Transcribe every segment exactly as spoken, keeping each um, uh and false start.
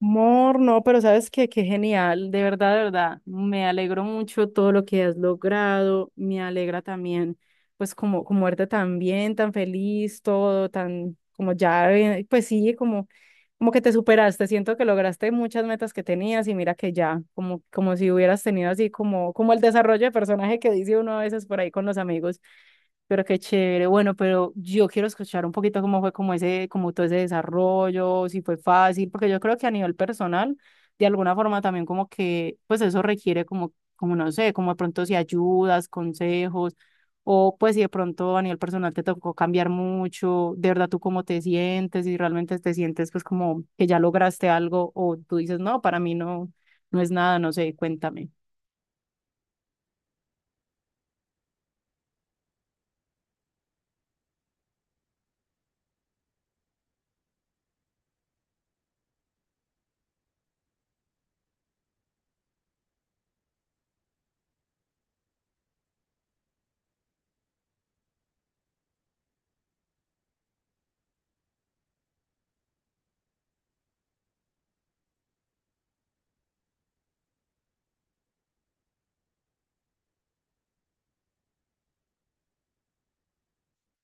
Mor, no, pero sabes que qué genial, de verdad, de verdad, me alegro mucho todo lo que has logrado, me alegra también, pues como, como verte tan bien, tan feliz, todo, tan, como ya, eh, pues sí, como, como que te superaste, siento que lograste muchas metas que tenías y mira que ya, como, como si hubieras tenido así como, como el desarrollo de personaje que dice uno a veces por ahí con los amigos. Pero qué chévere. Bueno, pero yo quiero escuchar un poquito cómo fue como ese, como todo ese desarrollo, si fue fácil, porque yo creo que a nivel personal, de alguna forma también como que, pues eso requiere como, como no sé, como de pronto si ayudas, consejos, o pues si de pronto a nivel personal te tocó cambiar mucho, de verdad tú cómo te sientes, si realmente te sientes pues como que ya lograste algo, o tú dices, no, para mí no, no es nada, no sé, cuéntame.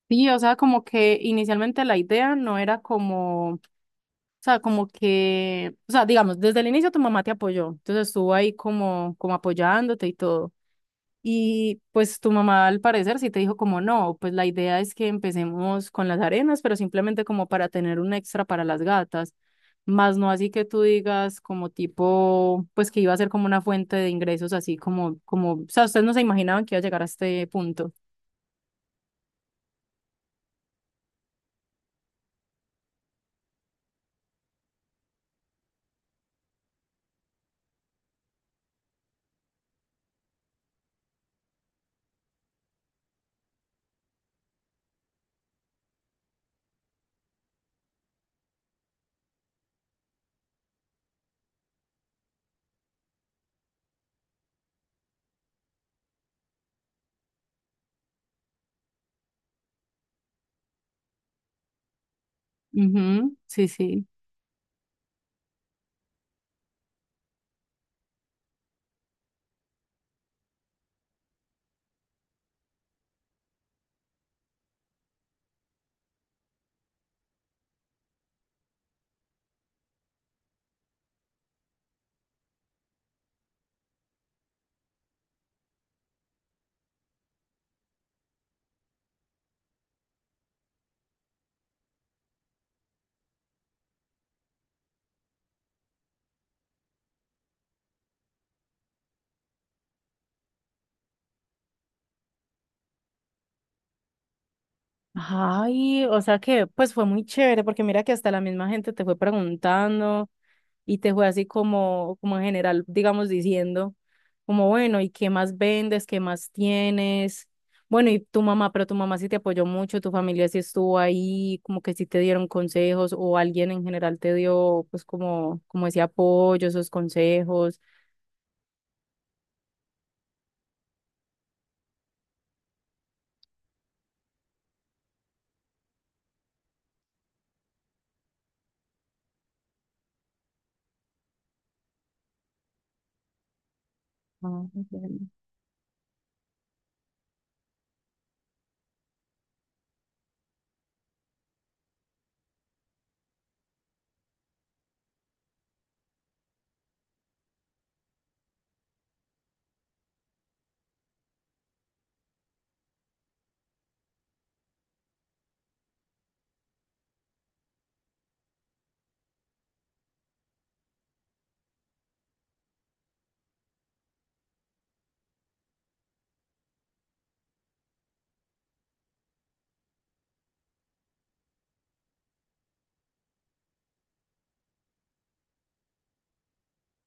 Sí, o sea, como que inicialmente la idea no era como. O sea, como que, o sea, digamos, desde el inicio tu mamá te apoyó, entonces estuvo ahí como, como apoyándote y todo. Y pues tu mamá al parecer sí te dijo como no, pues la idea es que empecemos con las arenas, pero simplemente como para tener un extra para las gatas, más no así que tú digas como tipo, pues que iba a ser como una fuente de ingresos así como, como, o sea, ustedes no se imaginaban que iba a llegar a este punto. Ujú, sí, sí. Ay, o sea que pues fue muy chévere porque mira que hasta la misma gente te fue preguntando y te fue así como, como en general, digamos, diciendo como, bueno, ¿y qué más vendes? ¿Qué más tienes? Bueno, y tu mamá, pero tu mamá sí te apoyó mucho, tu familia sí estuvo ahí, como que sí te dieron consejos o alguien en general te dio pues como, como ese apoyo, esos consejos. Ah, entiendo.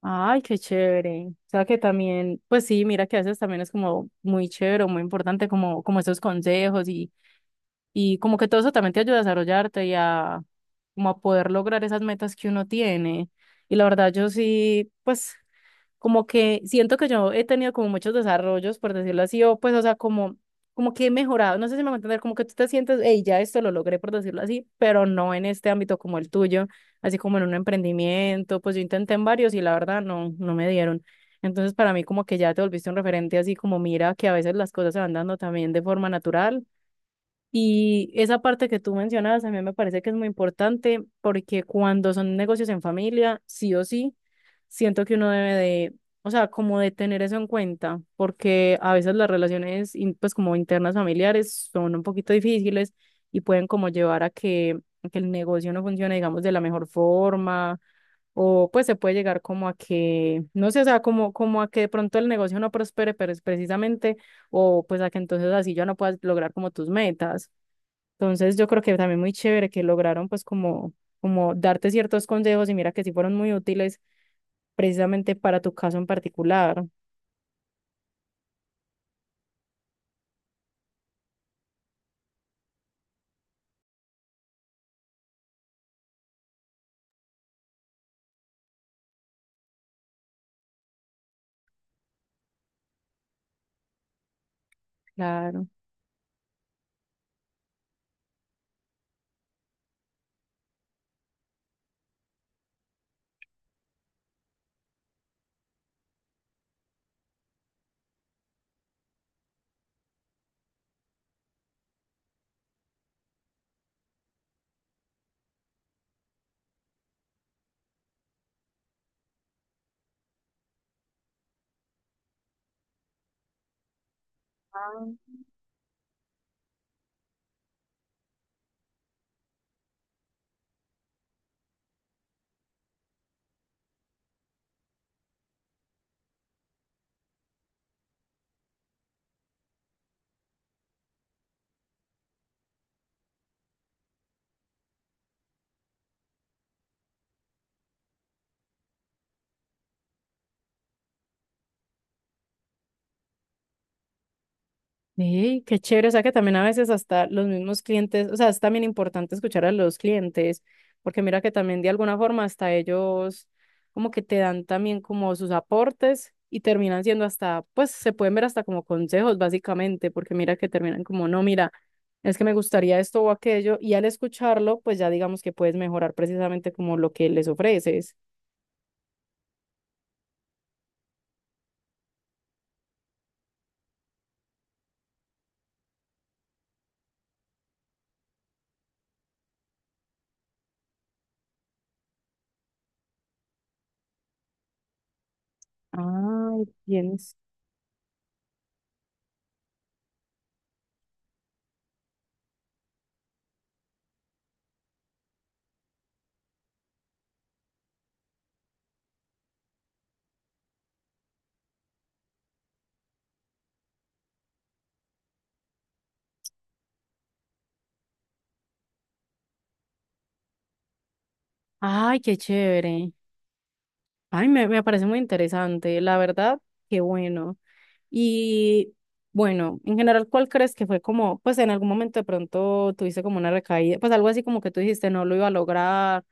Ay, qué chévere. O sea que también, pues sí, mira que a veces también es como muy chévere, muy importante como, como esos consejos y, y como que todo eso también te ayuda a desarrollarte y a como a poder lograr esas metas que uno tiene. Y la verdad yo sí, pues como que siento que yo he tenido como muchos desarrollos, por decirlo así, o pues, o sea, como, como que he mejorado, no sé si me va a entender, como que tú te sientes, hey, ya esto lo logré, por decirlo así, pero no en este ámbito como el tuyo, así como en un emprendimiento, pues yo intenté en varios y la verdad no, no me dieron. Entonces, para mí como que ya te volviste un referente, así como mira que a veces las cosas se van dando también de forma natural y esa parte que tú mencionabas a mí me parece que es muy importante porque cuando son negocios en familia, sí o sí, siento que uno debe de, o sea, como de tener eso en cuenta, porque a veces las relaciones, in- pues como internas familiares, son un poquito difíciles y pueden como llevar a que, a que el negocio no funcione, digamos, de la mejor forma, o pues se puede llegar como a que, no sé, o sea, como, como a que de pronto el negocio no prospere, pero es precisamente, o pues a que entonces así ya no puedas lograr como tus metas. Entonces yo creo que también muy chévere que lograron pues como, como darte ciertos consejos y mira que sí fueron muy útiles precisamente para tu caso en particular. Claro. Sí, qué chévere, o sea que también a veces hasta los mismos clientes, o sea, es también importante escuchar a los clientes, porque mira que también de alguna forma hasta ellos como que te dan también como sus aportes y terminan siendo hasta, pues se pueden ver hasta como consejos básicamente, porque mira que terminan como, no, mira, es que me gustaría esto o aquello, y al escucharlo, pues ya digamos que puedes mejorar precisamente como lo que les ofreces. Ay, tienes. Ay, qué chévere. Ay, me, me parece muy interesante, la verdad, qué bueno. Y bueno, en general, ¿cuál crees que fue como, pues en algún momento de pronto tuviste como una recaída, pues algo así como que tú dijiste no lo iba a lograr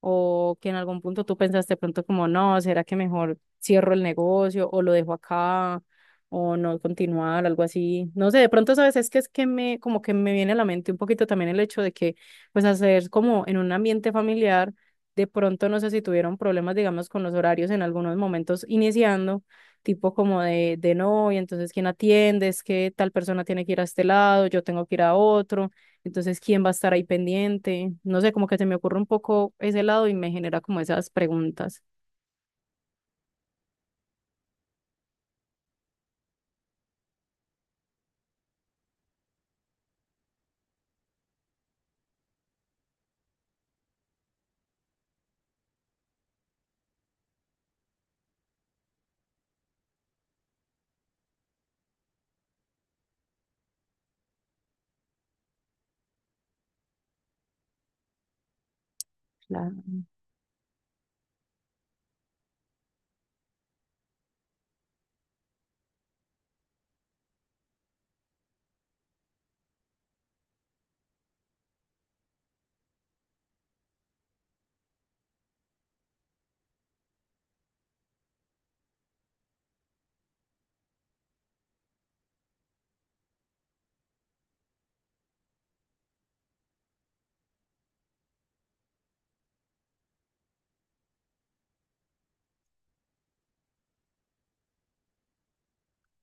o que en algún punto tú pensaste pronto como, no, ¿será que mejor cierro el negocio o lo dejo acá o no continuar, algo así? No sé, de pronto, sabes, es que es que me, como que me viene a la mente un poquito también el hecho de que, pues, hacer como en un ambiente familiar, de pronto, no sé si tuvieron problemas, digamos, con los horarios en algunos momentos iniciando. Tipo como de, de no, y entonces quién atiende, es que tal persona tiene que ir a este lado, yo tengo que ir a otro, entonces, ¿quién va a estar ahí pendiente? No sé, como que se me ocurre un poco ese lado y me genera como esas preguntas. Claro.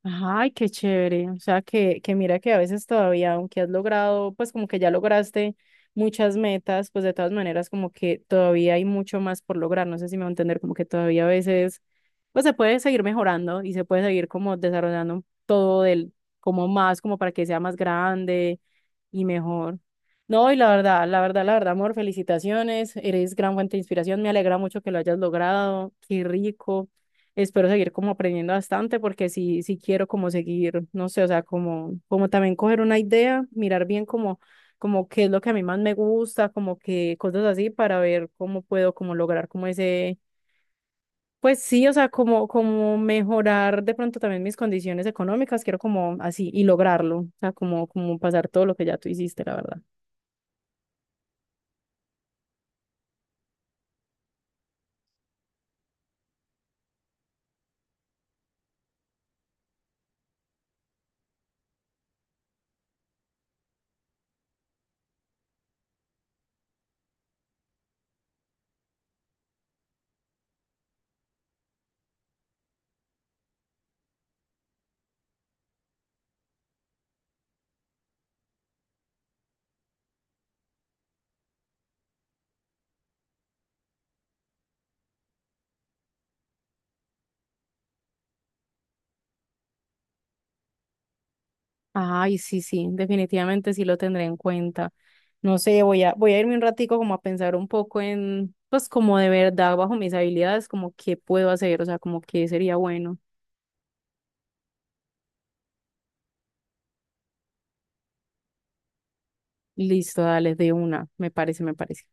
Ay, qué chévere. O sea, que, que mira que a veces todavía, aunque has logrado, pues como que ya lograste muchas metas, pues de todas maneras como que todavía hay mucho más por lograr. No sé si me va a entender, como que todavía a veces, pues se puede seguir mejorando y se puede seguir como desarrollando todo del, como más, como para que sea más grande y mejor. No, y la verdad, la verdad, la verdad, amor, felicitaciones. Eres gran fuente de inspiración. Me alegra mucho que lo hayas logrado. Qué rico. Espero seguir como aprendiendo bastante porque sí, sí quiero como seguir, no sé, o sea, como, como también coger una idea, mirar bien como, como qué es lo que a mí más me gusta, como que cosas así para ver cómo puedo como lograr como ese, pues sí, o sea, como, como mejorar de pronto también mis condiciones económicas. Quiero como así y lograrlo, o sea, como, como pasar todo lo que ya tú hiciste, la verdad. Ay, sí, sí, definitivamente sí lo tendré en cuenta. No sé, voy a, voy a irme un ratico como a pensar un poco en, pues como de verdad, bajo mis habilidades, como qué puedo hacer, o sea, como qué sería bueno. Listo, dale, de una, me parece, me parece.